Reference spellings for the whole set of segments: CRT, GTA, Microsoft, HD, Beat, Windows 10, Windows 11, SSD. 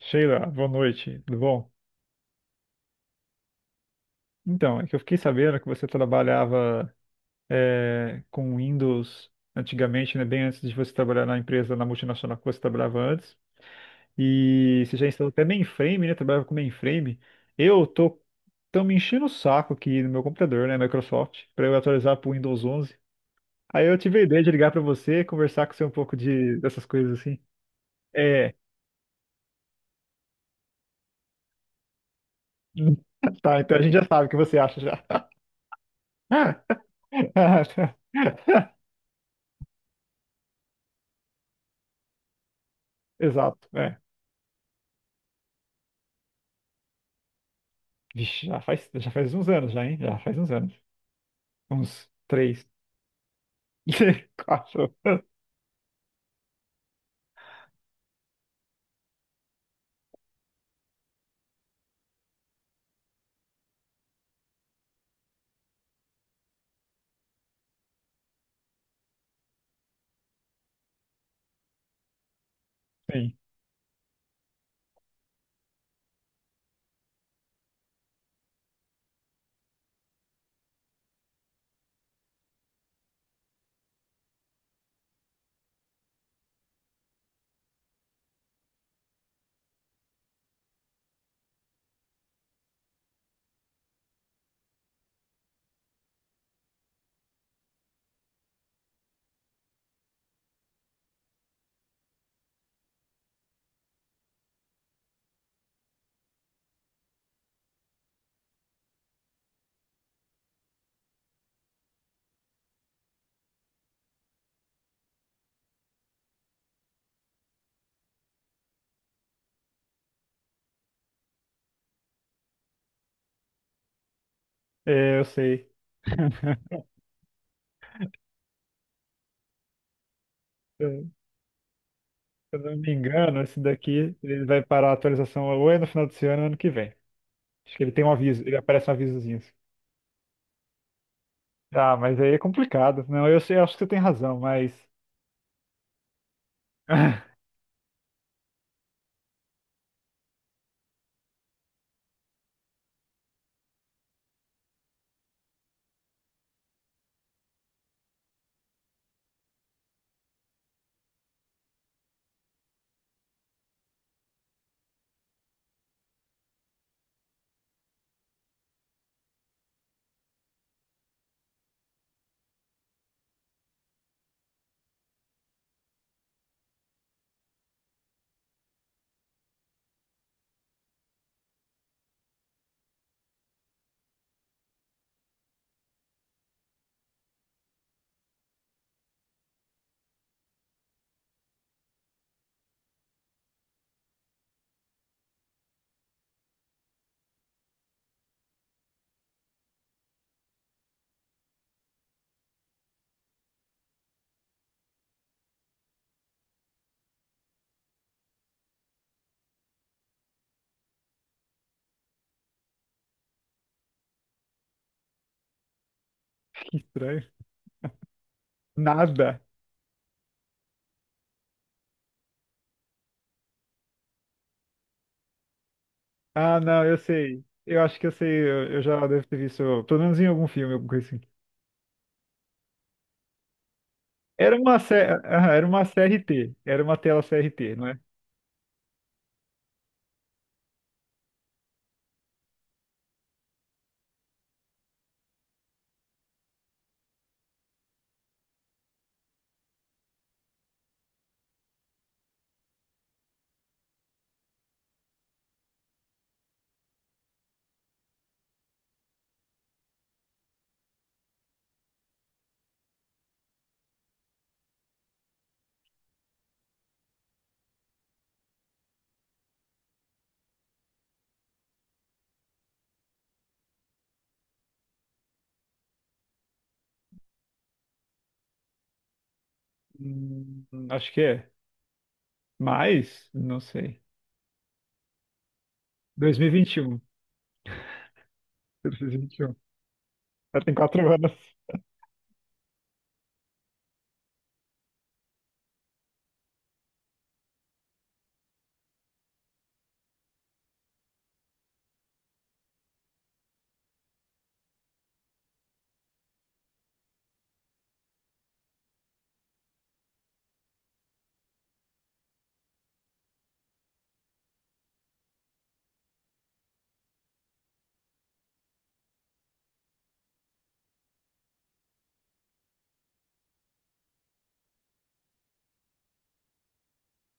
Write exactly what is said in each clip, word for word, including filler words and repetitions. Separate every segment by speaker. Speaker 1: Sheila, boa noite, tudo bom? Então, é que eu fiquei sabendo que você trabalhava é, com Windows antigamente, né, bem antes de você trabalhar na empresa, na multinacional que você trabalhava antes, e você já instalou até mainframe, né, trabalhava com mainframe. Eu tô, Tão me enchendo o saco aqui no meu computador, né, Microsoft, para eu atualizar para o Windows onze. Aí eu tive a ideia de ligar para você, conversar com você um pouco de, dessas coisas assim. É, tá, então a gente já sabe o que você acha já. Exato, é. Vixe, já faz, já faz uns anos já, hein? Já faz uns anos. Uns três, quatro. Sim, é, eu sei. Se eu não me engano, esse daqui ele vai parar a atualização ou é no final desse ano ou ano que vem. Acho que ele tem um aviso, ele aparece um avisozinho. assim. Ah, mas aí é complicado. Não, eu sei, eu acho que você tem razão, mas. Que estranho. Nada. Ah, não, eu sei. Eu acho que eu sei, eu, eu já devo ter visto, pelo menos em algum filme, alguma coisa assim. Era uma, C... ah, era uma C R T, era uma tela C R T, não é? Hum, acho que é. Mas, não sei. dois mil e vinte e um. dois mil e vinte e um. Já tem quatro anos.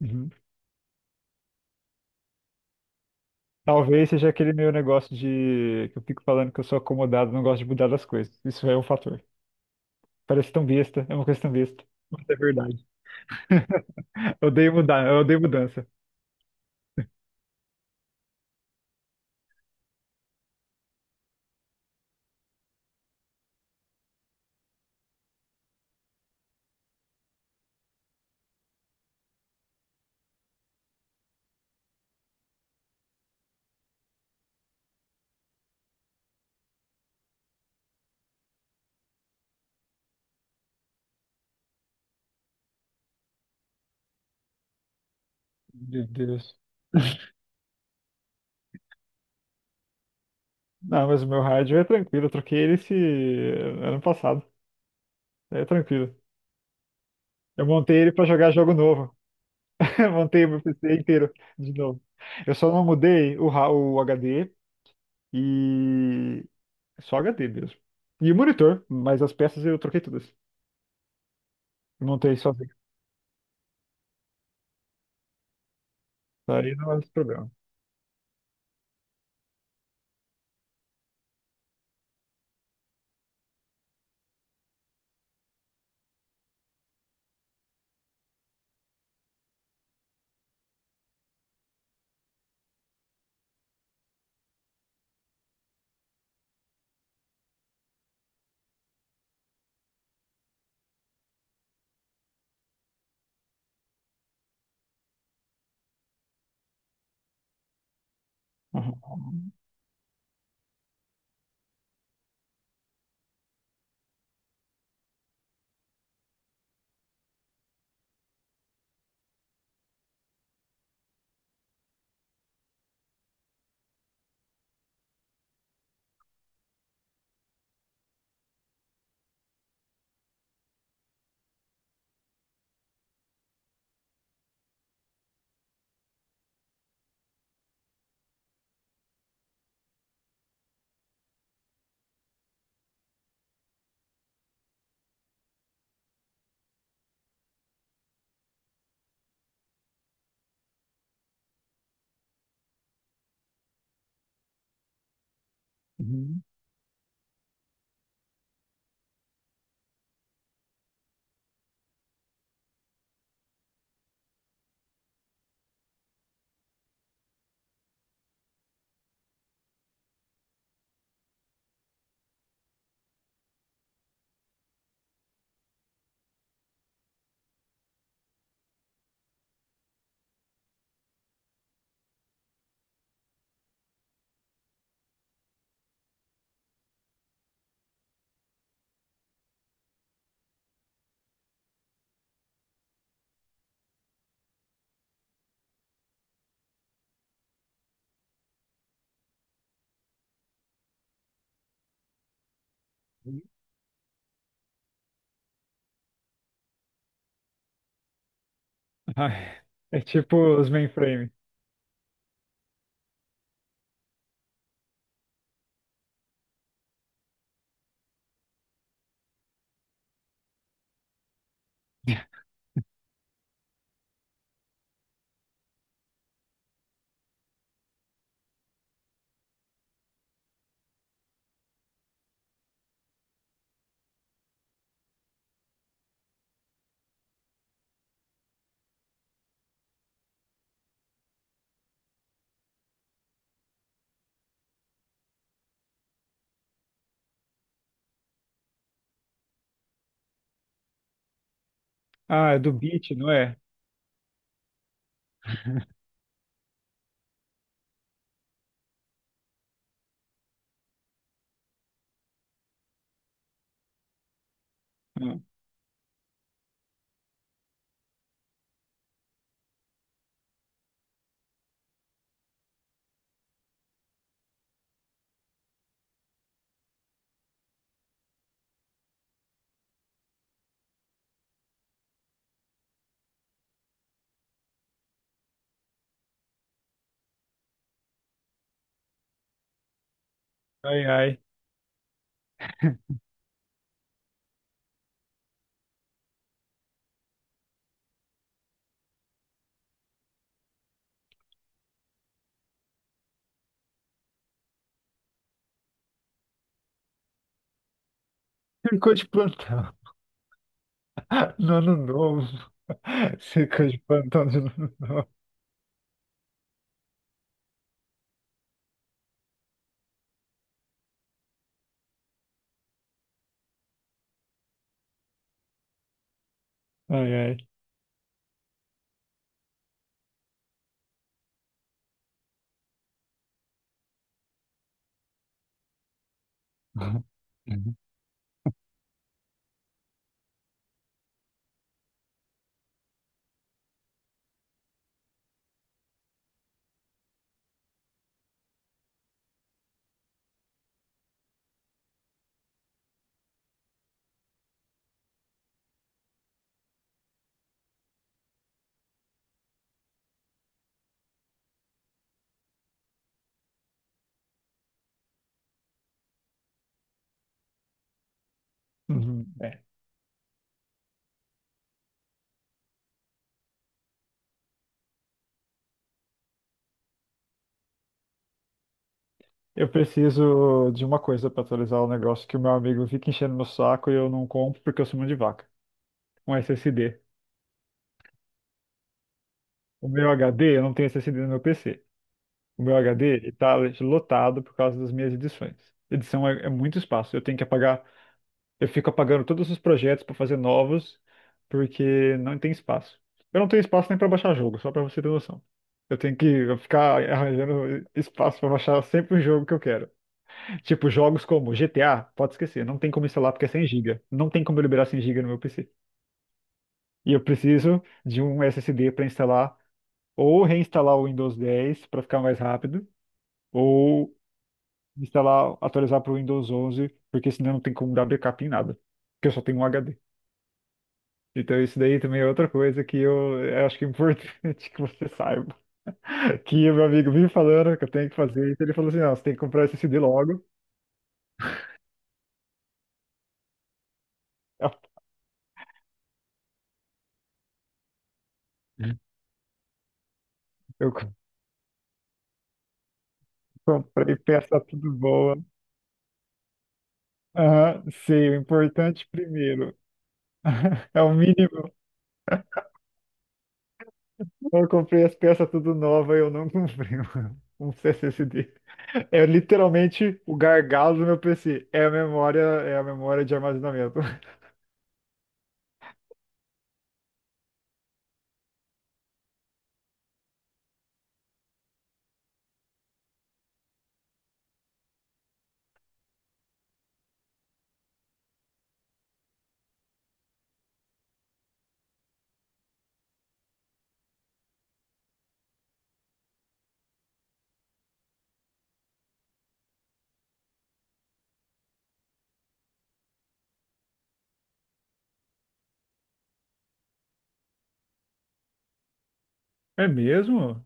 Speaker 1: Uhum. Talvez seja aquele meu negócio de que eu fico falando que eu sou acomodado, não gosto de mudar das coisas. Isso é um fator. Parece tão besta, é uma coisa tão besta. Mas é verdade. Eu odeio mudar, eu odeio mudança. Meu Deus. Não, mas o meu rádio é tranquilo. Eu troquei ele esse eh, ano passado. É tranquilo. Eu montei ele pra jogar jogo novo. Eu montei o meu P C inteiro de novo. Eu só não mudei o, ra- o H D. E só H D mesmo. E o monitor, mas as peças eu troquei todas. Montei sozinho. Aí não é esse problema. Uhum. Uhum. Ai, é tipo os mainframe. Ah, é do Beat, não é? Hum. Ai, ai. Ficou de plantão. No ano novo. Ficou de plantão de ano novo. Ai, ai. Uhum. Uhum. É. Eu preciso de uma coisa para atualizar o negócio que o meu amigo fica enchendo meu saco e eu não compro porque eu sou mão de vaca. um S S D. O meu HD, eu não tenho SSD no meu PC. O meu H D está lotado por causa das minhas edições. Edição é, é muito espaço. Eu tenho que apagar, eu fico apagando todos os projetos para fazer novos, porque não tem espaço. Eu não tenho espaço nem para baixar jogo, só para você ter noção. Eu tenho que ficar arranjando espaço para baixar sempre o jogo que eu quero. Tipo, jogos como G T A, pode esquecer, não tem como instalar porque é cem GB. Não tem como eu liberar cem GB no meu P C. E eu preciso de um S S D para instalar ou reinstalar o Windows dez para ficar mais rápido, ou instalar, atualizar para o Windows onze, porque senão não tem como dar backup em nada, porque eu só tenho um H D. Então isso daí também é outra coisa que eu, eu acho que é importante que você saiba. Que o meu amigo me falando que eu tenho que fazer isso, ele falou assim, não, você tem que comprar S S D logo. Eu comprei peça tudo boa. Aham, sei, o importante primeiro. É o mínimo. Eu comprei as peças tudo nova e eu não comprei um um S S D. É literalmente o gargalo do meu P C. É a memória, é a memória de armazenamento. É mesmo?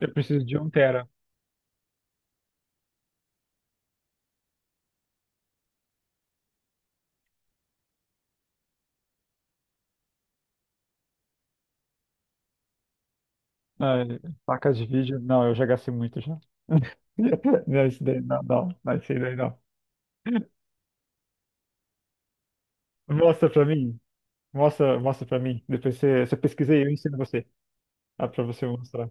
Speaker 1: Eu preciso de um tera. Ah, placas de vídeo? Não, eu já gastei muito já. Não, isso daí não, não, não, isso daí não. Mostra pra mim. Mostra, mostra pra mim. Depois você, você pesquisa aí, eu ensino você. Ah, pra você mostrar.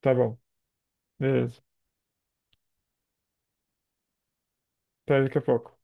Speaker 1: Tá bom. Beleza. Até daqui a pouco.